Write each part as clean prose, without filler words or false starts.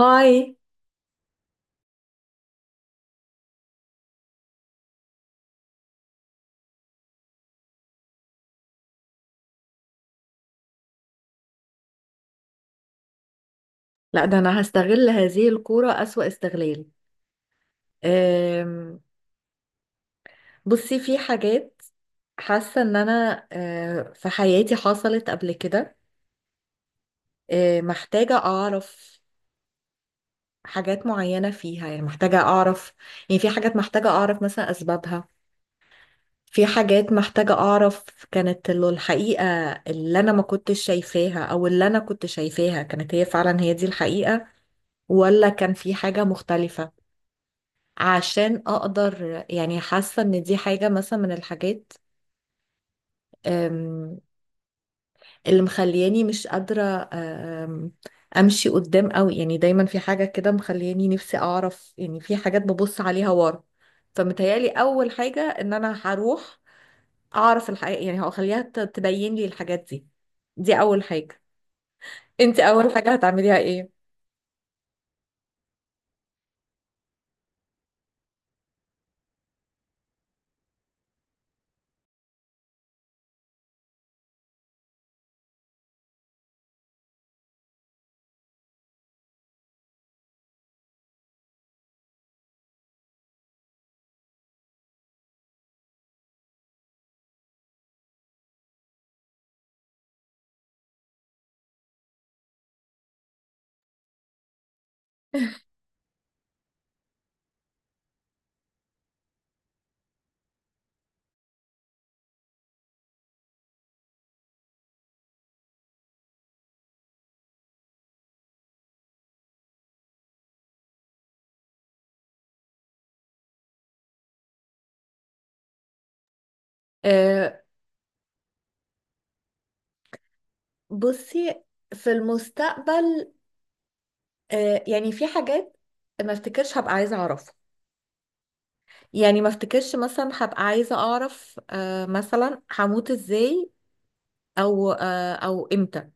هاي. لا، ده انا هستغل هذه الكورة اسوأ استغلال. أم، بصي، في حاجات حاسة ان انا في حياتي حصلت قبل كده. محتاجة اعرف حاجات معينة فيها، يعني محتاجة اعرف، يعني في حاجات محتاجة اعرف مثلا اسبابها. في حاجات محتاجة اعرف كانت الحقيقة، اللي انا ما كنتش شايفاها او اللي انا كنت شايفاها كانت هي فعلا هي دي الحقيقة، ولا كان في حاجة مختلفة، عشان اقدر، يعني حاسه ان دي حاجه مثلا من الحاجات أم، اللي مخلياني مش قادره آه، أم، امشي قدام قوي. يعني دايما في حاجه كده مخلياني نفسي اعرف، يعني في حاجات ببص عليها ورا. فمتهيالي اول حاجه ان انا هروح اعرف الحقيقه، يعني هخليها تبين لي الحاجات دي. دي اول حاجه. انت اول حاجه هتعمليها ايه؟ أه، بصي، في المستقبل يعني في حاجات ما افتكرش هبقى عايزه اعرفها. يعني ما افتكرش مثلا هبقى عايزة اعرف مثلا هموت ازاي، او او امتى.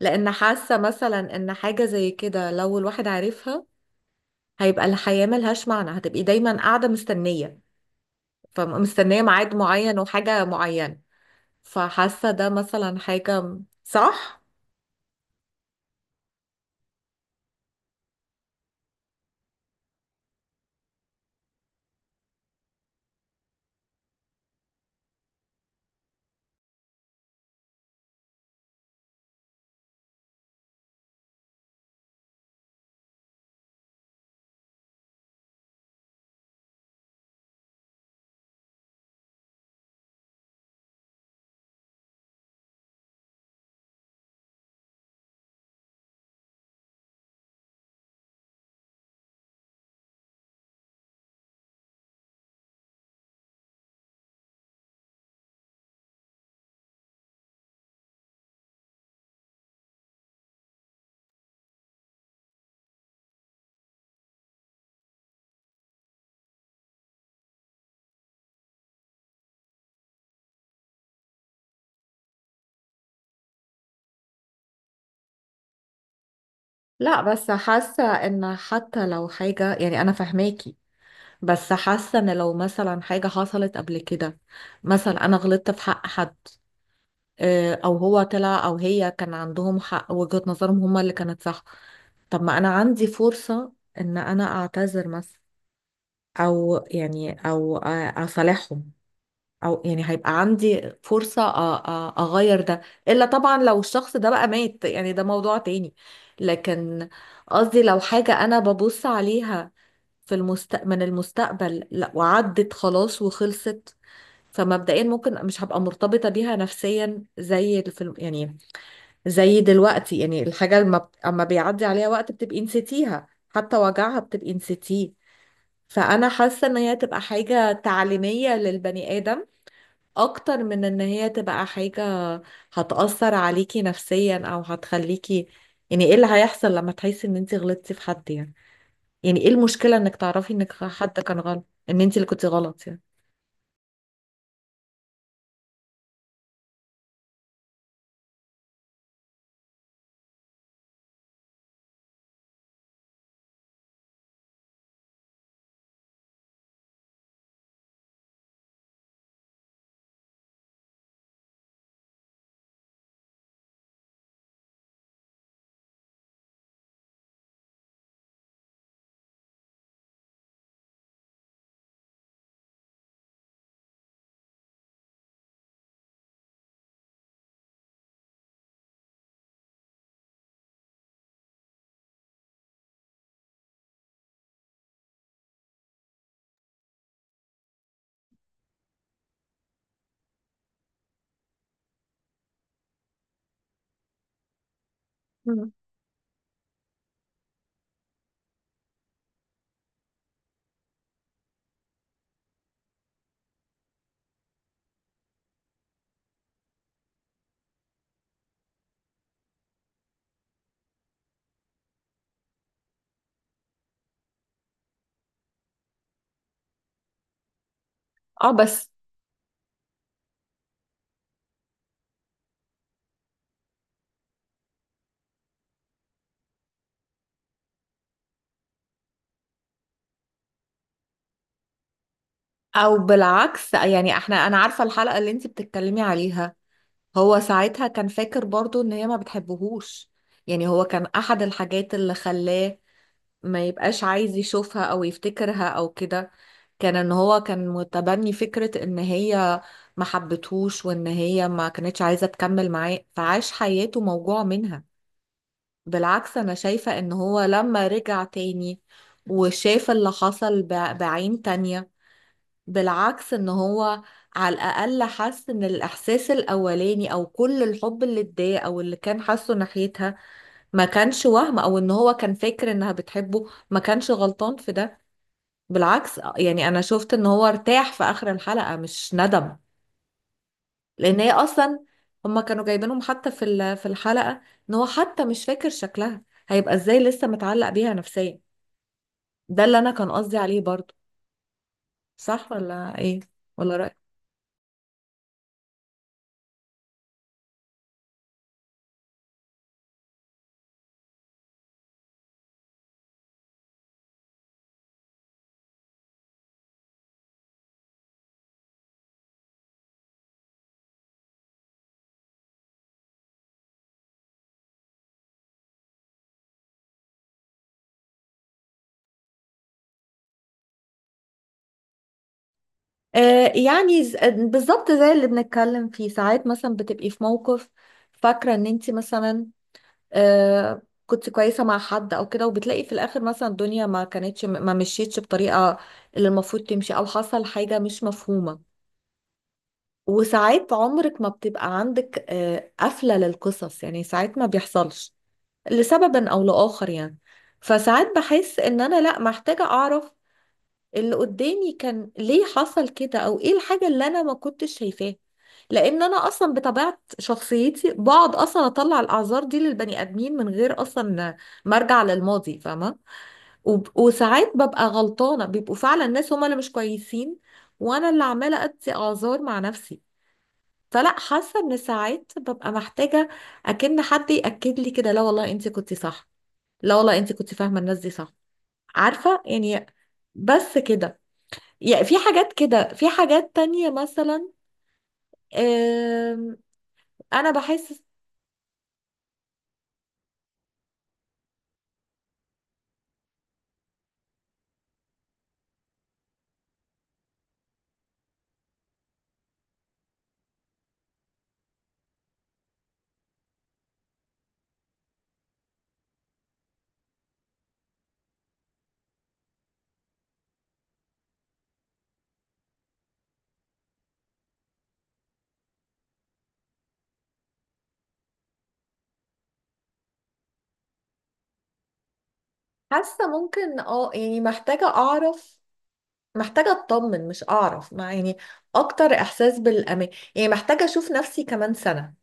لان حاسة مثلا ان حاجة زي كده لو الواحد عارفها، هيبقى الحياة ملهاش معنى، هتبقي دايما قاعدة مستنية، فمستنية ميعاد معين وحاجة معينة. فحاسة ده مثلا حاجة. صح؟ لا، بس حاسة ان حتى لو حاجة، يعني انا فاهماكي، بس حاسة ان لو مثلا حاجة حصلت قبل كده، مثلا انا غلطت في حق حد، او هو طلع او هي كان عندهم حق، وجهة نظرهم هما اللي كانت صح. طب ما انا عندي فرصة ان انا اعتذر مثلا، او يعني او اصالحهم، او يعني هيبقى عندي فرصة اغير ده. الا طبعا لو الشخص ده بقى مات، يعني ده موضوع تاني. لكن قصدي لو حاجة انا ببص عليها في المستقبل، من المستقبل لا وعدت خلاص وخلصت. فمبدئيا ممكن مش هبقى مرتبطة بيها نفسيا، زي الفيلم يعني، زي دلوقتي، يعني الحاجة لما اما بيعدي عليها وقت بتبقي نسيتيها، حتى وجعها بتبقي نسيتيه. فأنا حاسة إن هي تبقى حاجة تعليمية للبني آدم أكتر من إن هي تبقى حاجة هتأثر عليكي نفسيا أو هتخليكي، يعني إيه اللي هيحصل لما تحسي إن أنت غلطتي في حد؟ يعني يعني إيه المشكلة إنك تعرفي إنك حد كان غلط، إن أنت اللي كنتي غلط يعني. مم. اه بس. او بالعكس، يعني احنا، انا عارفه الحلقه اللي انت بتتكلمي عليها. هو ساعتها كان فاكر برضو ان هي ما بتحبهوش، يعني هو كان احد الحاجات اللي خلاه ما يبقاش عايز يشوفها او يفتكرها او كده، كان ان هو كان متبني فكرة ان هي ما حبتهوش وان هي ما كانتش عايزة تكمل معاه، فعاش حياته موجوع منها. بالعكس انا شايفة ان هو لما رجع تاني وشاف اللي حصل بعين تانية، بالعكس ان هو على الاقل حس ان الاحساس الاولاني او كل الحب اللي اتضايق او اللي كان حاسه ناحيتها ما كانش وهم، او ان هو كان فاكر انها بتحبه ما كانش غلطان في ده. بالعكس يعني انا شفت ان هو ارتاح في اخر الحلقة، مش ندم، لان هي اصلا، هما كانوا جايبينهم حتى في في الحلقة ان هو حتى مش فاكر شكلها، هيبقى ازاي لسه متعلق بيها نفسيا؟ ده اللي انا كان قصدي عليه برضو. صح ولا ايه؟ ولا رأيك؟ يعني بالظبط زي اللي بنتكلم فيه. ساعات مثلا بتبقي في موقف فاكرة ان انت مثلا كنت كويسة مع حد او كده، وبتلاقي في الاخر مثلا الدنيا ما كانتش، ما مشيتش بطريقة اللي المفروض تمشي، او حصل حاجة مش مفهومة، وساعات عمرك ما بتبقى عندك قفلة للقصص، يعني ساعات ما بيحصلش لسبب او لاخر يعني. فساعات بحس ان انا لا محتاجة اعرف اللي قدامي كان ليه حصل كده، او ايه الحاجة اللي انا ما كنتش شايفاها. لان انا اصلا بطبيعة شخصيتي بقعد اصلا اطلع الاعذار دي للبني ادمين من غير اصلا ما ارجع للماضي، فاهمة؟ وب- وساعات ببقى غلطانة، بيبقوا فعلا الناس هما اللي مش كويسين، وانا اللي عمالة ادي اعذار مع نفسي. فلا، حاسة ان ساعات ببقى محتاجة اكن حد يأكد لي كده، لا والله انت كنت صح، لا والله انت كنت فاهمة الناس دي صح، عارفة يعني. بس كده. يعني في حاجات كده، في حاجات تانية مثلا آم، انا بحس، حاسة ممكن اه، يعني محتاجة اعرف، محتاجة اطمن، مش اعرف، مع يعني اكتر احساس بالامان. يعني محتاجة اشوف نفسي كمان سنة،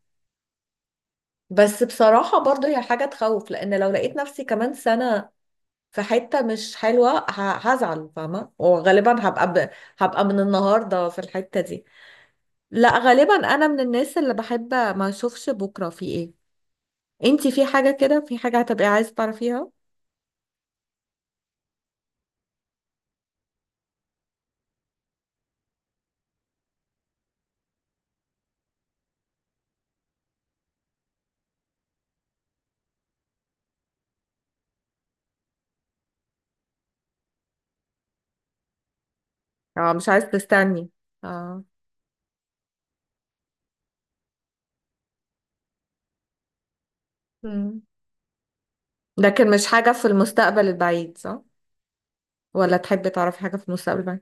بس بصراحة برضو هي حاجة تخوف، لان لو لقيت نفسي كمان سنة في حتة مش حلوة هزعل، فاهمة؟ وغالبا هبقى من النهاردة في الحتة دي. لا غالبا انا من الناس اللي بحب ما اشوفش بكرة في ايه. انتي في حاجة كده، في حاجة هتبقي عايزة تعرفيها؟ اه مش عايزة تستني، اه. مم. لكن مش حاجة في المستقبل البعيد، صح؟ ولا تحبي تعرفي حاجة في المستقبل البعيد؟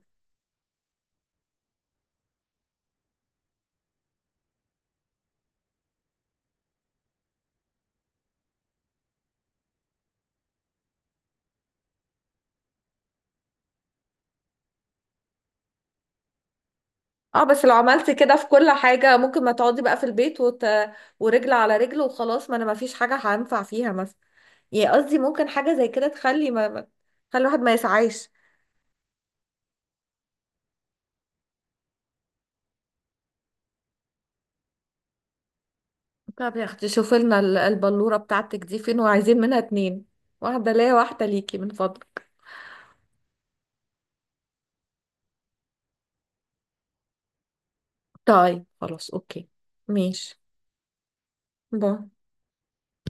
اه بس لو عملتي كده في كل حاجة ممكن ما تقعدي بقى في البيت ورجل على رجل وخلاص، ما انا ما فيش حاجة هنفع فيها مثلا. يعني قصدي ممكن حاجة زي كده تخلي تخلي الواحد ما يسعاش. طب يا اختي شوفي لنا البلورة بتاعتك دي فين، وعايزين منها اتنين، واحدة ليا واحدة ليكي من فضلك. طيب خلاص اوكي، ماشي. باي.